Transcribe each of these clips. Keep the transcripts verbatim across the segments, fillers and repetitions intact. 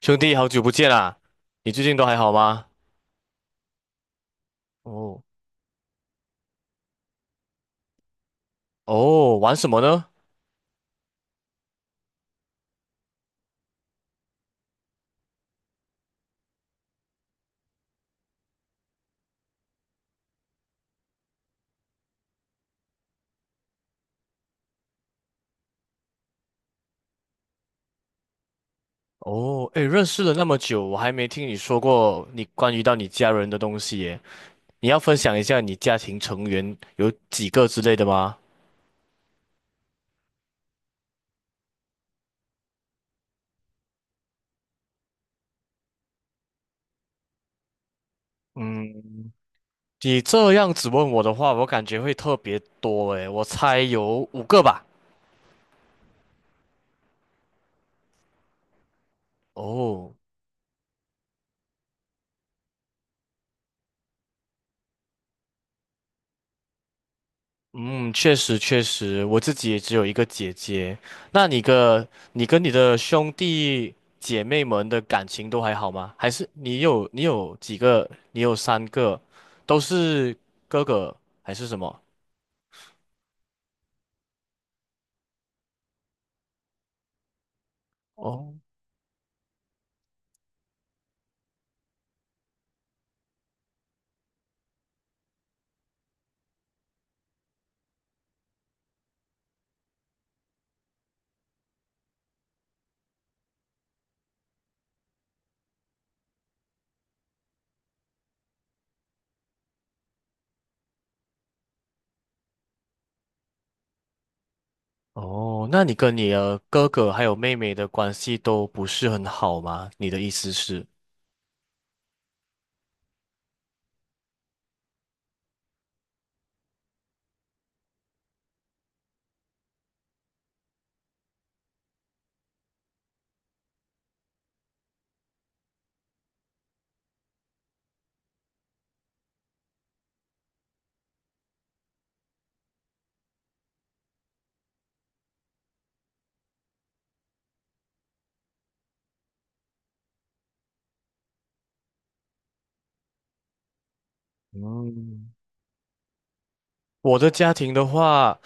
兄弟，好久不见啦！你最近都还好吗？哦哦，玩什么呢？哦，诶，认识了那么久，我还没听你说过你关于到你家人的东西耶。你要分享一下你家庭成员有几个之类的吗？嗯，你这样子问我的话，我感觉会特别多诶，我猜有五个吧。哦，嗯，确实确实，我自己也只有一个姐姐。那你个，你跟你的兄弟姐妹们的感情都还好吗？还是你有你有几个？你有三个，都是哥哥还是什么？哦哦，那你跟你的哥哥还有妹妹的关系都不是很好吗？你的意思是？嗯，我的家庭的话，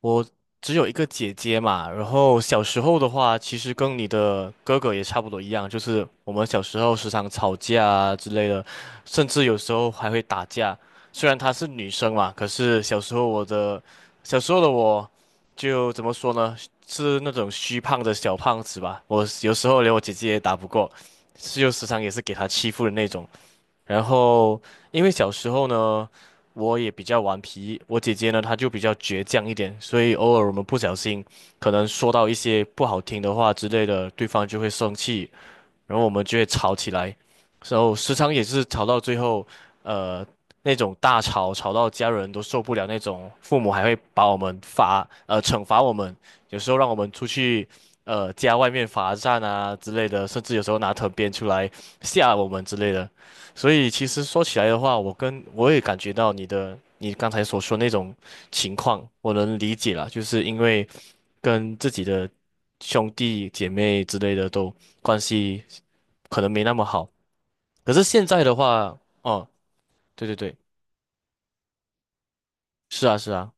我只有一个姐姐嘛，然后小时候的话，其实跟你的哥哥也差不多一样，就是我们小时候时常吵架啊之类的，甚至有时候还会打架。虽然她是女生嘛，可是小时候我的，小时候的我，就怎么说呢，是那种虚胖的小胖子吧，我有时候连我姐姐也打不过，是就时常也是给她欺负的那种。然后，因为小时候呢，我也比较顽皮，我姐姐呢，她就比较倔强一点，所以偶尔我们不小心，可能说到一些不好听的话之类的，对方就会生气，然后我们就会吵起来，然后时常也是吵到最后，呃，那种大吵，吵到家人都受不了那种，父母还会把我们罚，呃，惩罚我们，有时候让我们出去，呃，家外面罚站啊之类的，甚至有时候拿藤鞭出来吓我们之类的。所以其实说起来的话，我跟我也感觉到你的，你刚才所说那种情况，我能理解啦，就是因为跟自己的兄弟姐妹之类的都关系可能没那么好。可是现在的话，哦，对对对，是啊是啊。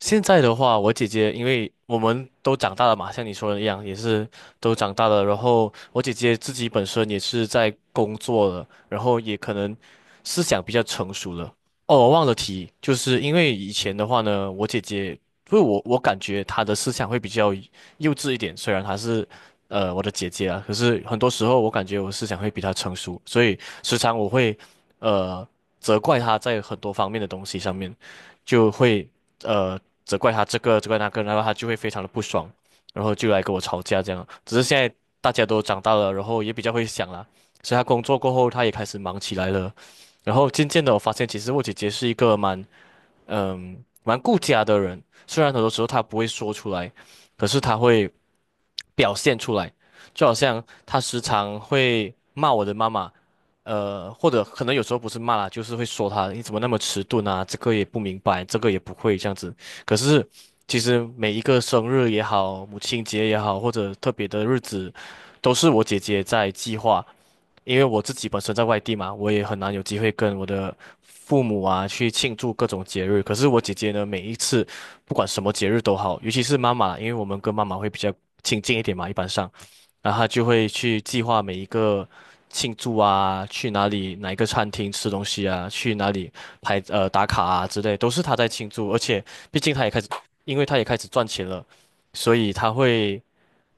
现在的话，我姐姐因为我们都长大了嘛，像你说的一样，也是都长大了。然后我姐姐自己本身也是在工作了，然后也可能思想比较成熟了。哦，我忘了提，就是因为以前的话呢，我姐姐，因为我我感觉她的思想会比较幼稚一点，虽然她是呃我的姐姐啊，可是很多时候我感觉我思想会比她成熟，所以时常我会呃责怪她在很多方面的东西上面，就会。呃责怪他这个责怪那个，然后他就会非常的不爽，然后就来跟我吵架这样。只是现在大家都长大了，然后也比较会想啦，所以他工作过后他也开始忙起来了。然后渐渐的我发现，其实我姐姐是一个蛮嗯蛮顾家的人，虽然很多时候她不会说出来，可是她会。表现出来，就好像他时常会骂我的妈妈，呃，或者可能有时候不是骂啦，就是会说他你怎么那么迟钝啊，这个也不明白，这个也不会这样子。可是其实每一个生日也好，母亲节也好，或者特别的日子，都是我姐姐在计划，因为我自己本身在外地嘛，我也很难有机会跟我的父母啊去庆祝各种节日。可是我姐姐呢，每一次不管什么节日都好，尤其是妈妈，因为我们跟妈妈会比较亲近一点嘛，一般上，然后她就会去计划每一个庆祝啊，去哪里哪一个餐厅吃东西啊，去哪里拍呃打卡啊之类，都是她在庆祝。而且毕竟她也开始，因为她也开始赚钱了，所以她会。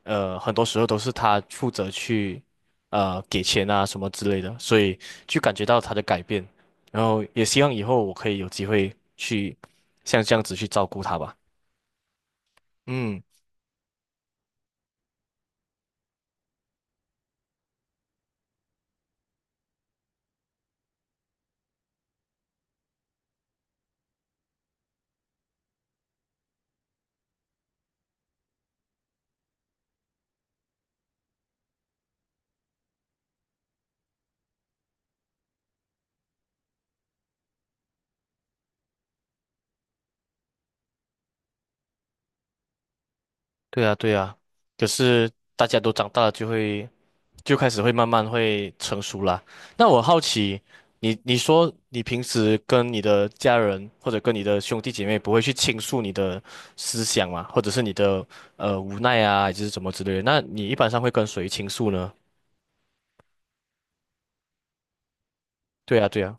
呃，很多时候都是他负责去呃给钱啊什么之类的，所以就感觉到他的改变，然后也希望以后我可以有机会去像这样子去照顾他吧。嗯，对啊，对啊。可是大家都长大了，就会就开始会慢慢会成熟啦。那我好奇，你你说你平时跟你的家人或者跟你的兄弟姐妹不会去倾诉你的思想嘛，或者是你的呃无奈啊，还是什么之类的？那你一般上会跟谁倾诉呢？对啊，对啊，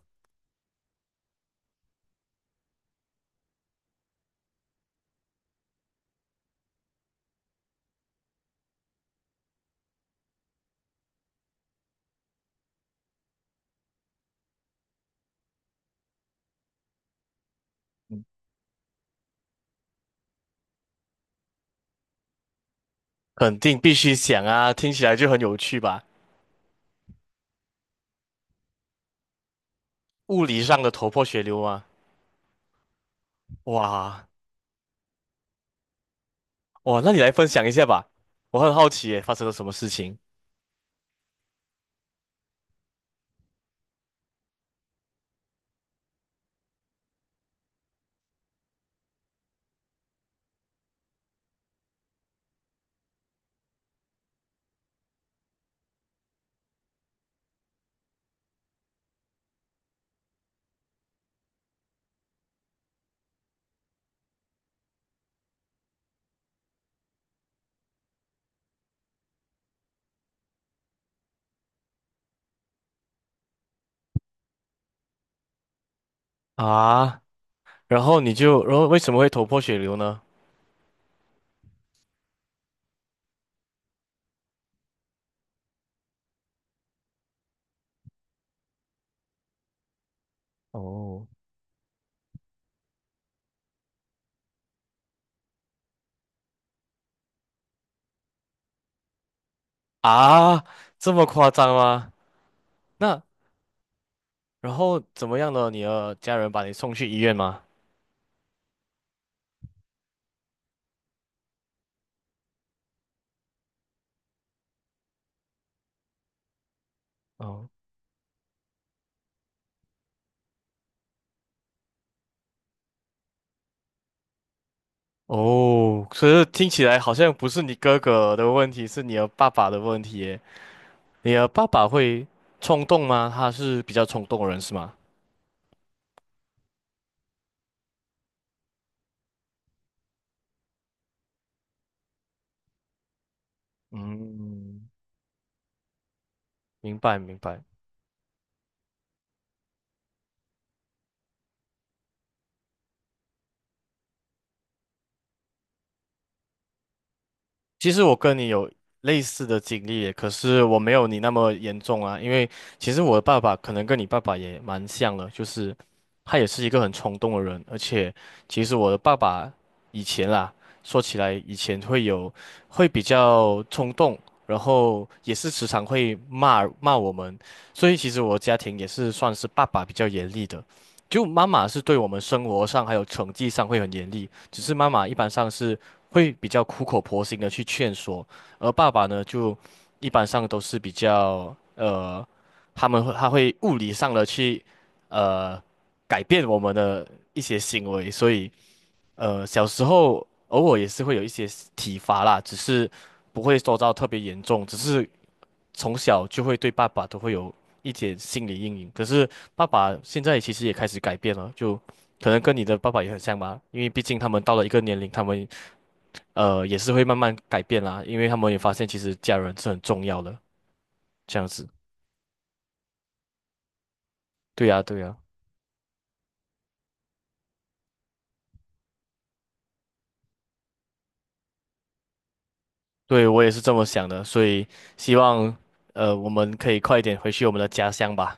肯定必须想啊，听起来就很有趣吧？物理上的头破血流啊，哇哇，那你来分享一下吧，我很好奇耶，发生了什么事情啊？然后你就，然后为什么会头破血流呢？哦。啊，这么夸张吗？那然后怎么样呢？你的家人把你送去医院吗？哦哦，可是听起来好像不是你哥哥的问题，是你的爸爸的问题耶。你的爸爸会冲动吗？他是比较冲动的人是吗？嗯，明白明白。其实我跟你有类似的经历耶，可是我没有你那么严重啊。因为其实我的爸爸可能跟你爸爸也蛮像的，就是他也是一个很冲动的人。而且其实我的爸爸以前啦，说起来以前会有会比较冲动，然后也是时常会骂骂我们。所以其实我家庭也是算是爸爸比较严厉的，就妈妈是对我们生活上还有成绩上会很严厉，只是妈妈一般上是。会比较苦口婆心的去劝说，而爸爸呢，就一般上都是比较呃，他们会他会物理上的去呃改变我们的一些行为，所以呃小时候偶尔也是会有一些体罚啦，只是不会说到特别严重，只是从小就会对爸爸都会有一点心理阴影。可是爸爸现在其实也开始改变了，就可能跟你的爸爸也很像吧，因为毕竟他们到了一个年龄，他们呃，也是会慢慢改变啦，因为他们也发现其实家人是很重要的，这样子。对呀，对呀，对，我也是这么想的，所以希望呃我们可以快一点回去我们的家乡吧。